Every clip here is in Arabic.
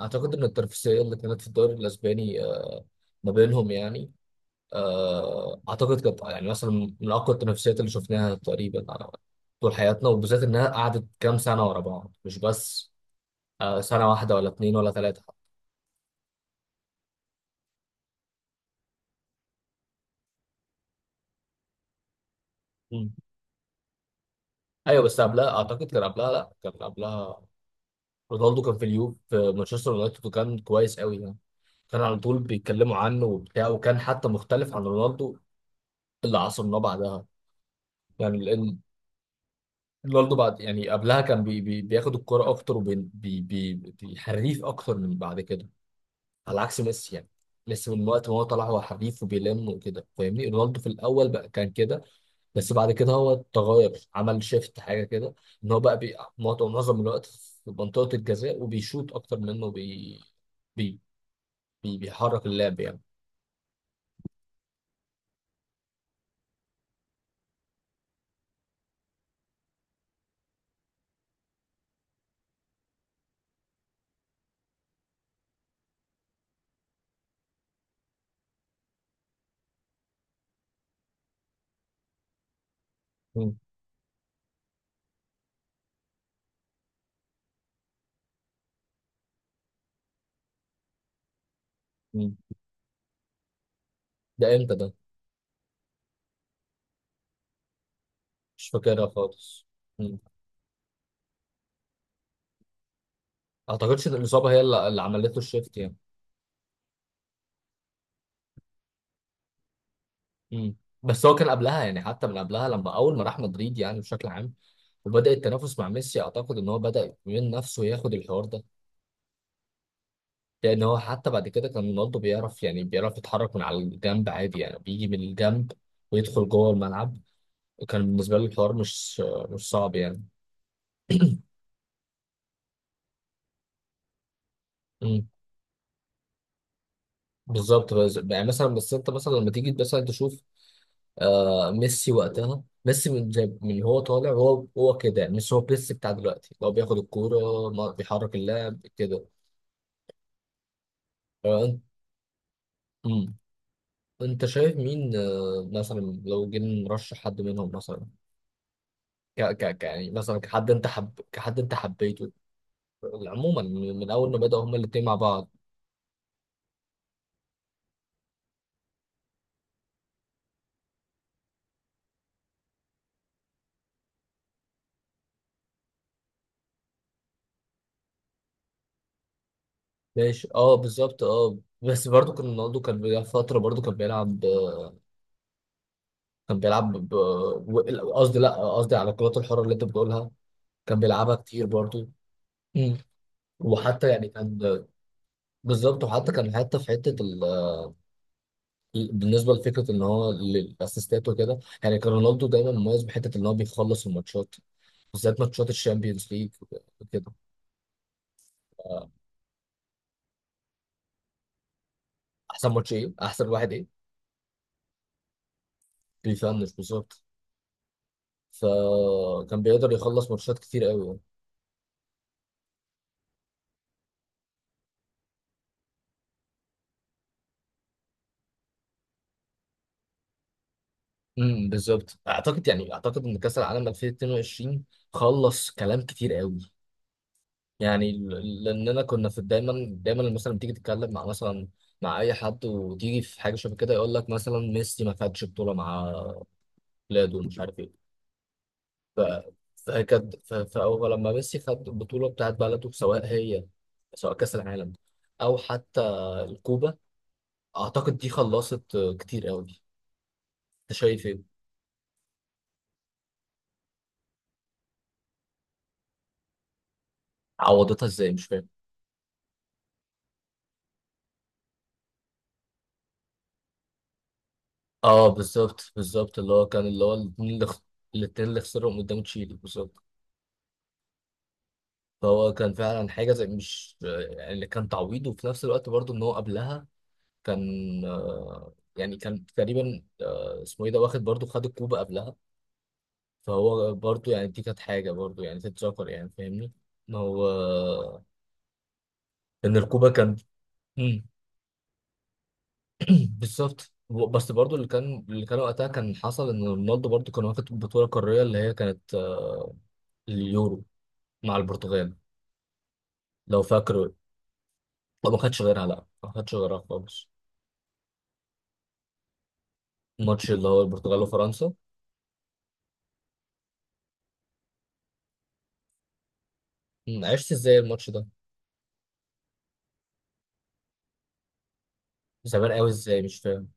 اعتقد ان التنافسيه اللي كانت في الدوري الاسباني ما بينهم يعني، اعتقد كانت يعني مثلا من اقوى التنافسيات اللي شفناها تقريبا على طول حياتنا، وبالذات انها قعدت كام سنه ورا بعض، مش بس سنه واحده ولا اتنين ولا ثلاثه. مم. ايوه، بس قبلها اعتقد كان قبلها، لا كان قبلها رونالدو كان في اليوف في مانشستر يونايتد، وكان كويس قوي يعني، كان على طول بيتكلموا عنه وبتاع، وكان حتى مختلف عن رونالدو اللي عصرناه بعدها يعني. رونالدو بعد يعني قبلها كان بي بي بياخد الكرة أكتر وبيحريف أكتر من بعد كده، على عكس ميسي يعني. ميسي من وقت ما هو طلع هو حريف وبيلم وكده، فاهمني؟ رونالدو في الأول بقى كان كده، بس بعد كده هو اتغير، عمل شيفت حاجة كده، إن هو بقى بي معظم الوقت في منطقة الجزاء وبيشوط أكتر منه بي بي بي بيحرك اللعب يعني. مم. مم. ده إمتى ده؟ مش فاكرها خالص. مم. أعتقدش إن الإصابة هي اللي عملته الشيفت يعني. مم. بس هو كان قبلها يعني، حتى من قبلها لما اول ما راح مدريد يعني بشكل عام، وبدا التنافس مع ميسي، اعتقد ان هو بدا من نفسه ياخد الحوار ده، لان هو حتى بعد كده كان رونالدو بيعرف يعني، بيعرف يتحرك من على الجنب عادي يعني، بيجي من الجنب ويدخل جوه الملعب. كان بالنسبه له الحوار مش صعب يعني. مم. بالظبط، بس يعني مثلا، بس انت مثلا لما تيجي مثلا تشوف ميسي، وقتها ميسي من جاب من هو طالع، هو هو كده مش هو ميسي بتاع دلوقتي، هو بياخد الكوره بيحرك اللاعب كده. أنت. مم. أنت شايف مين مثلا، لو جينا نرشح حد منهم مثلا، يعني مثلا كحد أنت حب، كحد أنت حبيته عموما من من أول ما بدأوا هما الاتنين مع بعض. ماشي، أه بالظبط، أه بس برضه كان رونالدو كان بيلعب فترة، برضه كان بيلعب كان بيلعب قصدي، لا قصدي على الكرات الحرة اللي أنت بتقولها، كان بيلعبها كتير برضه. مم. وحتى يعني كان بالظبط، وحتى كان، حتى في حتة بالنسبه لفكره ان هو للاسيستات وكده يعني، كان رونالدو دايما مميز بحته ان هو بيخلص الماتشات، بالذات ماتشات الشامبيونز ليج وكده. احسن ماتش ايه؟ احسن واحد ايه؟ بيفنش بالظبط، فكان بيقدر يخلص ماتشات كتير قوي يعني. بالظبط، اعتقد يعني اعتقد ان كاس العالم 2022 خلص كلام كتير قوي يعني، لاننا كنا في دايما، دايما مثلا لما تيجي تتكلم مع مثلا، مع اي حد وتيجي في حاجه شبه كده، يقول لك مثلا ميسي ما خدش بطوله مع بلاده ومش عارف ايه، ف- فكانت فهو لما ميسي خد البطولة بتاعت بلده، سواء هي سواء كأس العالم أو حتى الكوبا، أعتقد دي خلصت كتير قوي. أنت شايف إيه؟ عوضتها إزاي؟ مش فاهم. أه بالظبط بالظبط، اللي هو كان، اللي هو الاتنين اللي الاتنين اللي خسرهم قدام تشيلي بالظبط. فهو كان فعلا حاجة زي مش يعني اللي كان تعويض، وفي نفس الوقت برضه إن هو قبلها كان يعني كان تقريبا اسمه إيه ده، واخد برضه، خد الكوبا قبلها، فهو برضو يعني دي كانت حاجة برضو يعني تتذكر يعني، فاهمني ان هو، ان الكوبا كان. مم. بالظبط، بس برضو اللي كان، اللي كان وقتها كان حصل ان رونالدو برضو كان واخد بطولة قارية، اللي هي كانت اليورو مع البرتغال، لو فاكر. لو ما خدش غيرها، لا ما خدش غيرها خالص. الماتش اللي هو البرتغال وفرنسا. مم، عشت ازاي الماتش ده؟ زمان قوي ازاي؟ مش فاهم.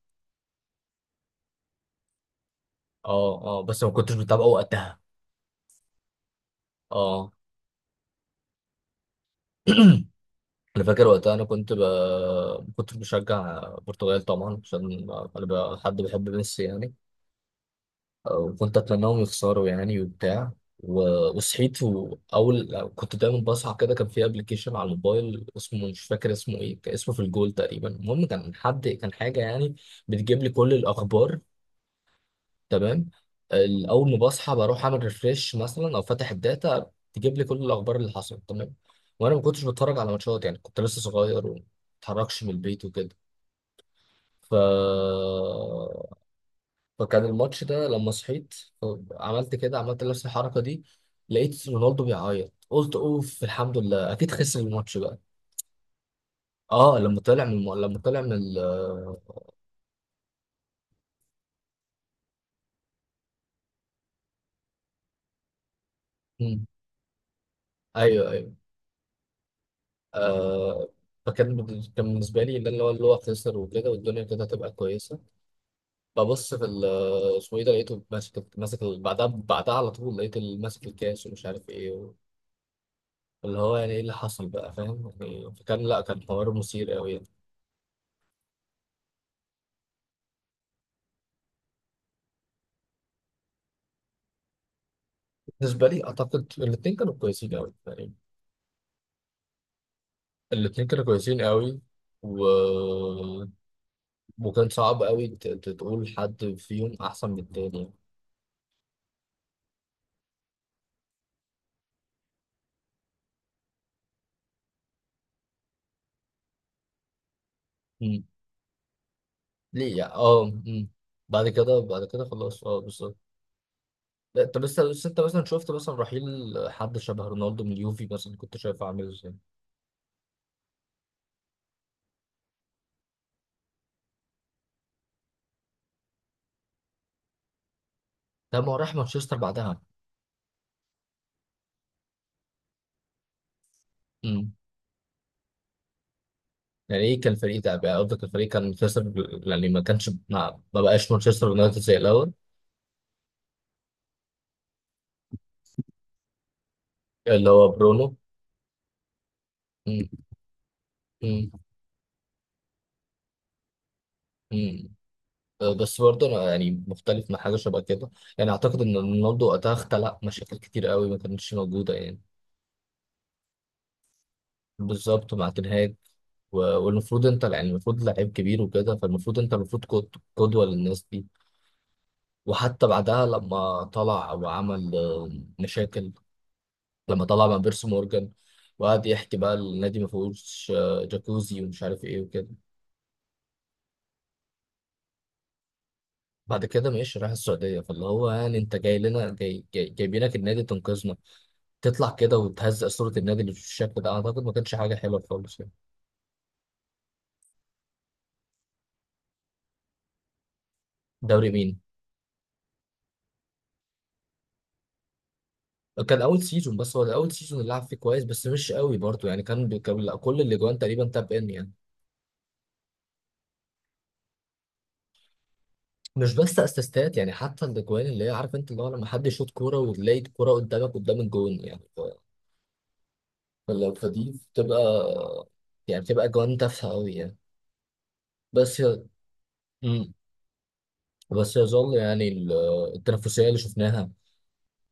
اه اه، بس ما كنتش بتابعه وقتها. اه. انا فاكر وقتها، انا كنت ب... كنت بشجع البرتغال طبعا، عشان انا ب... حد بيحب ميسي يعني، وكنت اتمناهم يخسروا يعني وبتاع و... وصحيت، واول كنت دايما بصحى كده، كان في ابلكيشن على الموبايل اسمه مش فاكر اسمه ايه، كان اسمه في الجول تقريبا، المهم كان حد كان حاجه يعني بتجيب لي كل الاخبار. تمام. اول ما بصحى بروح اعمل ريفريش مثلا او فاتح الداتا، تجيب لي كل الاخبار اللي حصلت. تمام. وانا ما كنتش بتفرج على ماتشات يعني، كنت لسه صغير وما اتحركش من البيت وكده، ف... فكان الماتش ده لما صحيت، عملت كده، عملت نفس الحركه دي، لقيت رونالدو بيعيط، قلت اوف الحمد لله اكيد خسر الماتش بقى. اه لما طلع من لما طلع من ال... مم. ايوه ايوه. آه. فكان كان بالنسبة لي اللي، اللي هو خسر وكده، والدنيا كده هتبقى كويسة، ببص في اسمه ايه ده، لقيته ماسك، ماسك بعدها، بعدها على طول لقيت ماسك الكاس ومش عارف ايه اللي هو يعني ايه اللي حصل بقى، فاهم يعني. فكان لا كان حوار مثير قوي يعني. بالنسبة لي اعتقد الاتنين كانوا كويسين قوي يعني، الاتنين كانوا كويسين قوي و... وكان صعب قوي تقول حد فيهم احسن من التاني. مم. ليه يعني؟ اه مم. بعد كده، بعد كده خلاص، اه بالظبط. لا انت لسه، لسه انت مثلا شفت مثلا رحيل حد شبه رونالدو من اليوفي مثلا، كنت شايفه عامل ازاي؟ ده ما هو راح مانشستر بعدها. امم، يعني ايه كان الفريق ده بقى، قصدك الفريق كان مانشستر، يعني ما كانش ما بقاش مانشستر يونايتد زي الاول. اللي هو برونو. امم، امم، امم. أه، بس برضه انا يعني مختلف مع حاجه شبه كده يعني. اعتقد ان رونالدو وقتها خلق مشاكل كتير قوي ما كانتش موجوده يعني، بالظبط مع تنهاج. والمفروض انت يعني، المفروض لعيب كبير وكده، فالمفروض انت المفروض قدوه للناس دي. وحتى بعدها لما طلع وعمل مشاكل، لما طلع مع بيرسي مورجان وقعد يحكي بقى النادي ما فيهوش جاكوزي ومش عارف ايه وكده. بعد كده ماشي راح السعودية، فاللي هو يعني انت جاي لنا، جاي جايبينك النادي تنقذنا، تطلع كده وتهزق صورة النادي اللي في الشكل ده، اعتقد ما كانش حاجة حلوة خالص يعني. دوري مين؟ كان اول سيزون، بس هو ده اول سيزون اللي لعب فيه كويس، بس مش قوي برضه يعني، كان لا، كل الاجوان تقريبا تاب ان يعني. مش بس اسيستات يعني، حتى الاجوان اللي هي عارف انت اللي هو لما حد يشوط كوره وتلاقي الكوره قدامك قدام الجون يعني، فلو فدي بتبقى، يعني بتبقى اجوان تافهه قوي يعني. بس ي... مم. بس يظل يعني التنافسيه اللي شفناها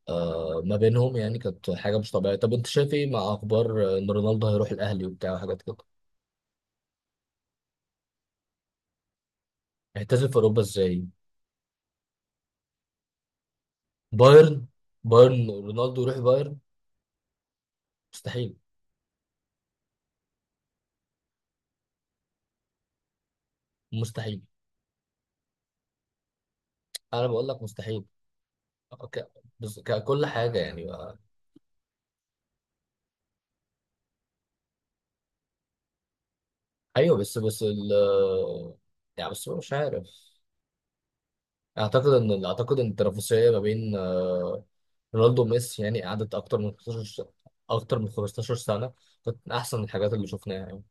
ما بينهم يعني، كانت حاجه مش طبيعيه. طب انت شايف ايه مع اخبار ان رونالدو هيروح الاهلي وبتاع وحاجات كده؟ هيعتزل في اوروبا ازاي؟ بايرن؟ بايرن، رونالدو يروح بايرن؟ مستحيل. مستحيل، انا بقول لك مستحيل. ك... ككل حاجه يعني. ايوه بس، بس ال يعني بس مش عارف. اعتقد ان، اعتقد ان التنافسيه ما بين رونالدو وميسي يعني قعدت اكتر من 15 سنه، كانت من احسن الحاجات اللي شفناها يعني.